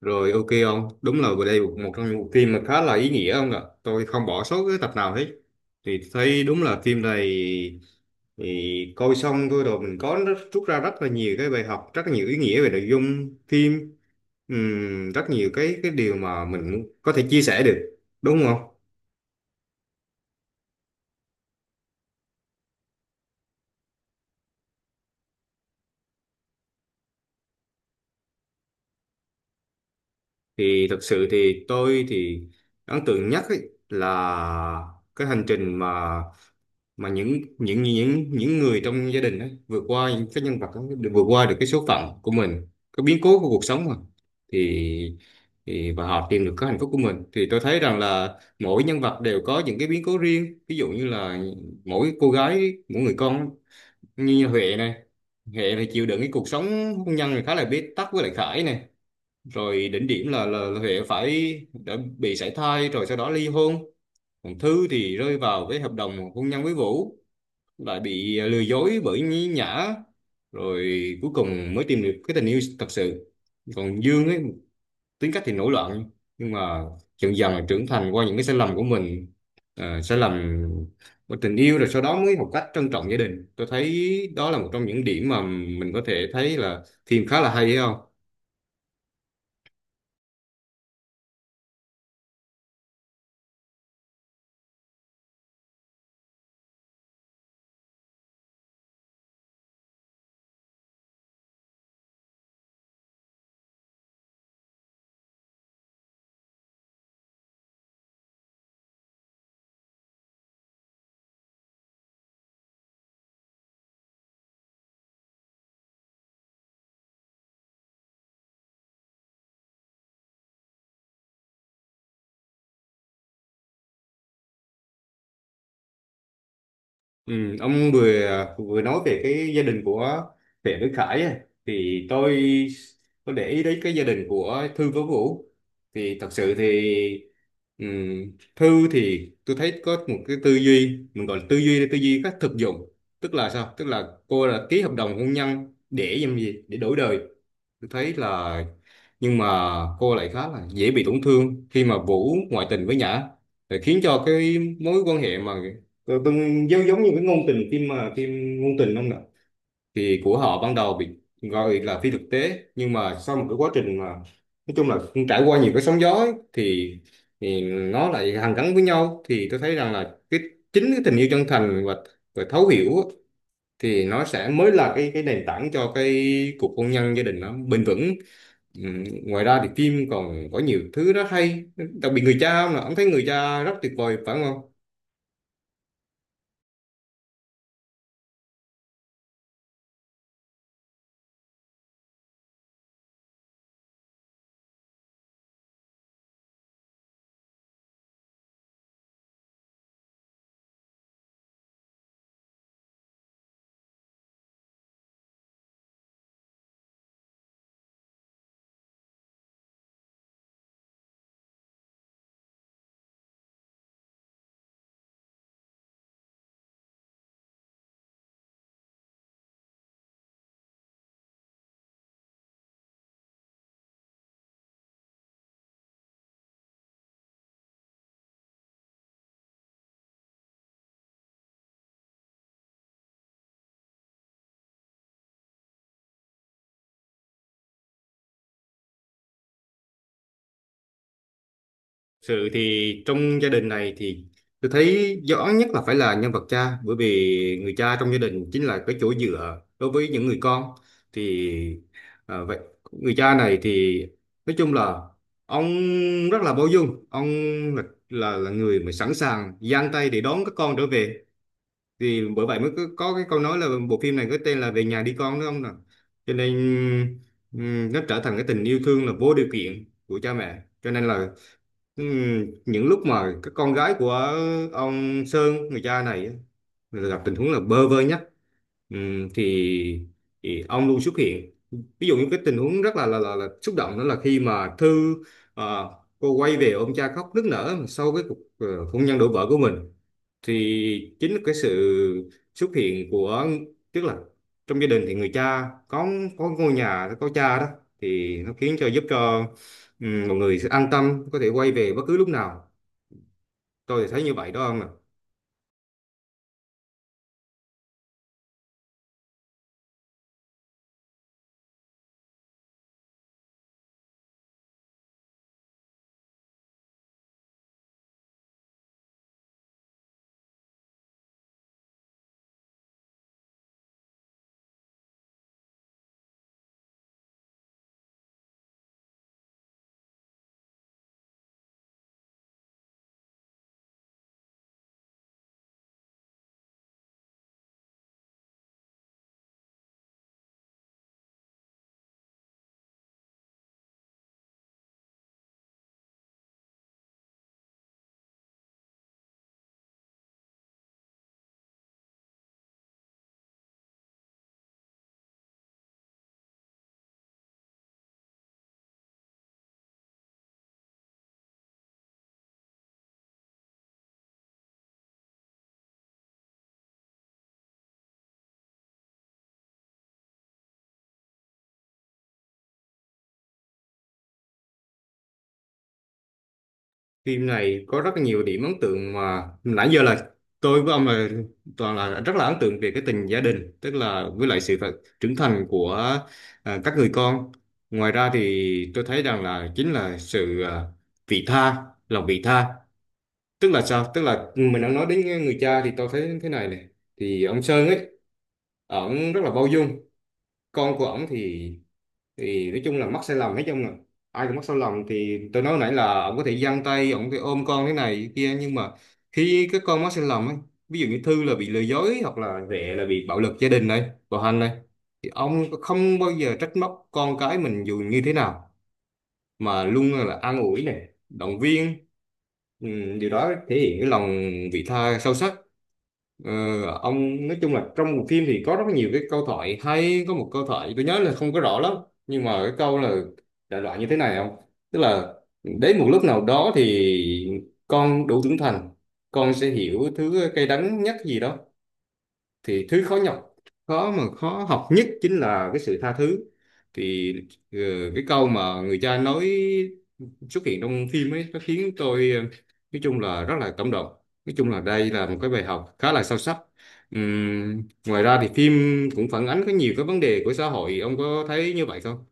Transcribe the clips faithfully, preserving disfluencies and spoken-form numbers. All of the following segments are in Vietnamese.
Rồi, ok ông, đúng là vừa đây một một trong những bộ phim mà khá là ý nghĩa ông ạ. Tôi không bỏ sót cái tập nào hết. Thì thấy đúng là phim này thì coi xong thôi rồi mình có rất- rút ra rất là nhiều cái bài học, rất là nhiều ý nghĩa về nội dung phim. Ừm, rất nhiều cái cái điều mà mình có thể chia sẻ được, đúng không? Thì thật sự thì tôi thì ấn tượng nhất ấy là cái hành trình mà mà những những những những người trong gia đình ấy, vượt qua những cái nhân vật đó, được vượt qua được cái số phận của mình, cái biến cố của cuộc sống mà, thì, thì và họ tìm được cái hạnh phúc của mình. Thì tôi thấy rằng là mỗi nhân vật đều có những cái biến cố riêng, ví dụ như là mỗi cô gái, mỗi người con, như Huệ này. Huệ phải chịu đựng cái cuộc sống hôn nhân này khá là bế tắc với lại Khải này, rồi đỉnh điểm là, là, là Huệ phải đã bị sảy thai rồi sau đó ly hôn. Còn Thư thì rơi vào cái hợp đồng hôn nhân với Vũ, lại bị à, lừa dối bởi nhí nhã, rồi cuối cùng mới tìm được cái tình yêu thật sự. Còn Dương ấy, tính cách thì nổi loạn, nhưng mà dần dần là trưởng thành qua những cái sai lầm của mình, ờ, sai lầm của tình yêu, rồi sau đó mới học cách trân trọng gia đình. Tôi thấy đó là một trong những điểm mà mình có thể thấy là phim khá là hay, thấy không? Ừ, ông vừa vừa nói về cái gia đình của Huệ với Khải ấy. Thì tôi tôi để ý đến cái gia đình của Thư với Vũ. Thì thật sự thì, ừm, Thư thì tôi thấy có một cái tư duy, mình gọi là tư duy tư duy cách thực dụng. Tức là sao? Tức là cô là ký hợp đồng hôn nhân để làm gì, để đổi đời. Tôi thấy là, nhưng mà cô lại khá là dễ bị tổn thương khi mà Vũ ngoại tình với Nhã, để khiến cho cái mối quan hệ mà tôi, tôi giống, giống như cái ngôn tình phim mà phim ngôn tình không ạ, thì của họ ban đầu bị gọi là phi thực tế, nhưng mà sau một cái quá trình mà nói chung là trải qua nhiều cái sóng gió ấy, thì thì nó lại hàn gắn với nhau. Thì tôi thấy rằng là cái chính cái tình yêu chân thành và, và thấu hiểu á, thì nó sẽ mới là cái cái nền tảng cho cái cuộc hôn nhân gia đình nó bền vững. Ừ, ngoài ra thì phim còn có nhiều thứ rất hay, đặc biệt người cha. Ông là ông thấy người cha rất tuyệt vời phải không? Sự thì trong gia đình này thì tôi thấy rõ nhất là phải là nhân vật cha, bởi vì người cha trong gia đình chính là cái chỗ dựa đối với những người con. Thì à, vậy người cha này thì nói chung là ông rất là bao dung. Ông là, là là người mà sẵn sàng giang tay để đón các con trở về. Thì bởi vậy mới có, có cái câu nói là bộ phim này có tên là Về nhà đi con, đúng không nào? Cho nên ừm, nó trở thành cái tình yêu thương là vô điều kiện của cha mẹ. Cho nên là ừm, những lúc mà cái con gái của ông Sơn, người cha này á, là gặp tình huống là bơ vơ nhất, ừm, thì, thì ông luôn xuất hiện. Ví dụ như cái tình huống rất là là, là, là xúc động, đó là khi mà Thư, ờ, cô quay về ôm cha khóc nức nở sau cái cuộc ờ, hôn nhân đổ vỡ của mình. Thì chính cái sự xuất hiện của, tức là trong gia đình thì người cha có có ngôi nhà có cha đó, thì nó khiến cho, giúp cho ừm, mọi người sẽ an tâm, có thể quay về bất cứ lúc nào. Tôi thì thấy như vậy đó ông ạ. Phim này có rất là nhiều điểm ấn tượng mà nãy giờ là tôi với ông là toàn là rất là ấn tượng về cái tình gia đình, tức là với lại sự phát- trưởng thành của à, các người con. Ngoài ra thì tôi thấy rằng là chính là sự à, vị tha, lòng vị tha. Tức là sao? Tức là ừ, mình đã nói đến người cha thì tôi thấy thế này này. Thì ông Sơn ấy, ổng rất là bao dung. Con của ổng thì thì nói chung là mắc sai lầm, nói chung là ai cũng mắc sai lầm. Thì tôi nói nãy là ổng có thể giang tay, ổng có thể ôm con thế này thế kia, nhưng mà khi cái con mắc sai lầm ấy, ví dụ như Thư là bị lừa dối, hoặc là Rẹ là bị bạo lực gia đình này, bạo hành này, thì ông không bao giờ trách móc con cái mình dù như thế nào, mà luôn là an ủi này, động viên. Ừ, điều đó thể hiện cái lòng vị tha sâu sắc. Ờ, ông nói chung là trong một phim thì có rất nhiều cái câu thoại hay, có một câu thoại tôi nhớ là không có rõ lắm, nhưng mà cái câu là đại loại như thế này không, tức là đến một lúc nào đó thì con đủ trưởng thành, con sẽ hiểu thứ cay đắng nhất gì đó, thì thứ khó nhọc, khó mà khó học nhất chính là cái sự tha thứ. Thì ờ, cái câu mà người cha nói xuất hiện trong phim ấy, nó khiến tôi ờ, nói chung là rất là cảm động. Nói chung là đây là một cái bài học khá là sâu sắc. Ừm, Ngoài ra thì phim cũng phản ánh có nhiều cái vấn đề của xã hội. Ông có thấy như vậy không?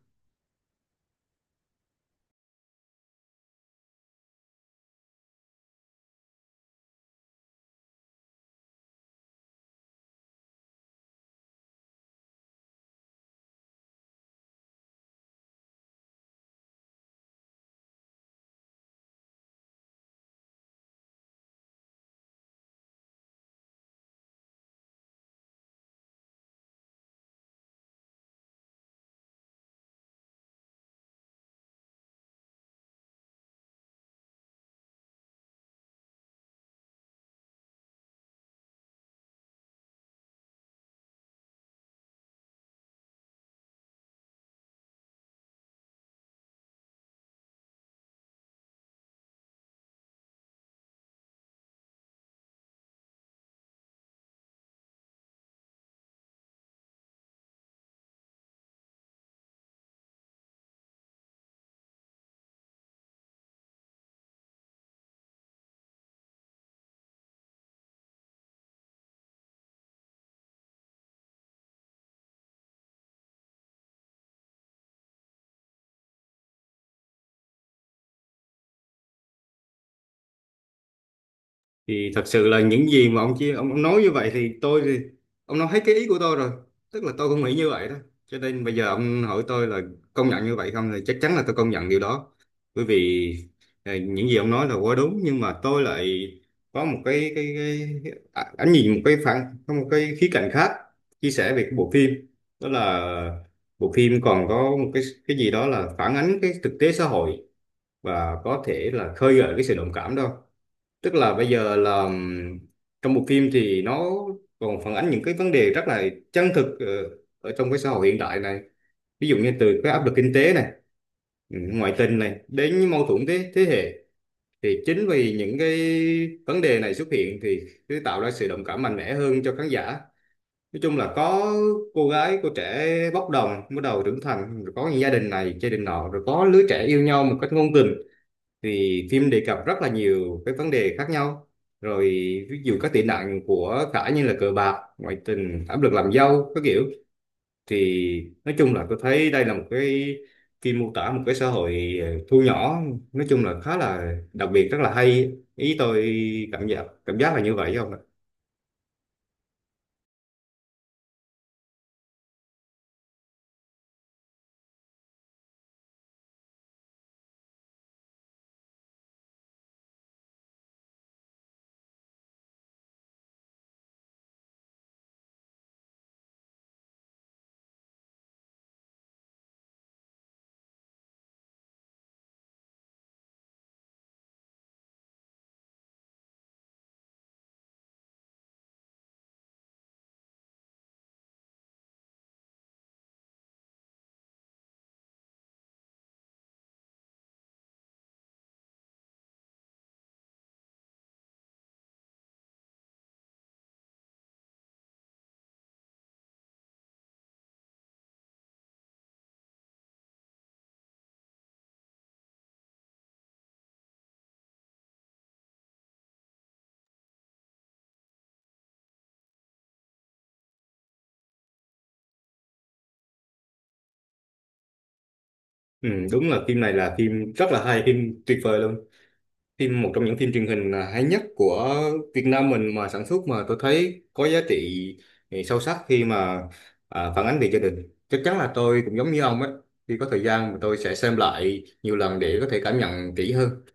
Thì thật sự là những gì mà ông chia ông, ông nói như vậy thì tôi thì ông nói hết cái ý của tôi rồi, tức là tôi cũng nghĩ như vậy đó. Cho nên bây giờ ông hỏi tôi là công nhận như vậy không, thì chắc chắn là tôi công nhận điều đó. Bởi vì ờ, những gì ông nói là quá đúng, nhưng mà tôi lại có một cái cái, cái à, ánh nhìn, một cái phản, có một cái khía cạnh khác chia sẻ về cái bộ phim. Đó là bộ phim còn có một cái cái gì đó là phản ánh cái thực tế xã hội và có thể là khơi gợi cái sự đồng cảm đó. Tức là bây giờ là ừm, trong bộ phim thì nó còn phản ánh những cái vấn đề rất là chân thực ở, ở trong cái xã hội hiện đại này. Ví dụ như từ cái áp lực kinh tế này, ừ, ngoại tình này, đến những mâu thuẫn thế thế hệ. Thì chính vì những cái vấn đề này xuất hiện thì cứ tạo ra sự đồng cảm mạnh mẽ hơn cho khán giả. Nói chung là có cô gái cô trẻ bốc đồng bắt đầu trưởng thành, rồi có những gia đình này, gia đình nọ, rồi có lứa trẻ yêu nhau một cách ngôn tình. Thì phim đề cập rất là nhiều cái vấn đề khác nhau, rồi ví dụ các tệ nạn của cả như là cờ bạc, ngoại tình, áp lực làm dâu các kiểu. Thì nói chung là tôi thấy đây là một cái phim mô tả một cái xã hội ờ, thu nhỏ, nói chung là khá là đặc biệt, rất là hay. Ý tôi cảm giác cảm giác là như vậy không ạ. Ừ, đúng là phim này là phim rất là hay, phim tuyệt vời luôn. Phim một trong những phim truyền hình à, hay nhất của Việt Nam mình mà sản xuất mà tôi thấy có giá trị, ừ, sâu sắc khi mà à, phản ánh về gia đình. Chắc chắn là tôi cũng giống như ông ấy, khi có thời gian mà tôi sẽ xem lại nhiều lần để có thể cảm nhận kỹ hơn.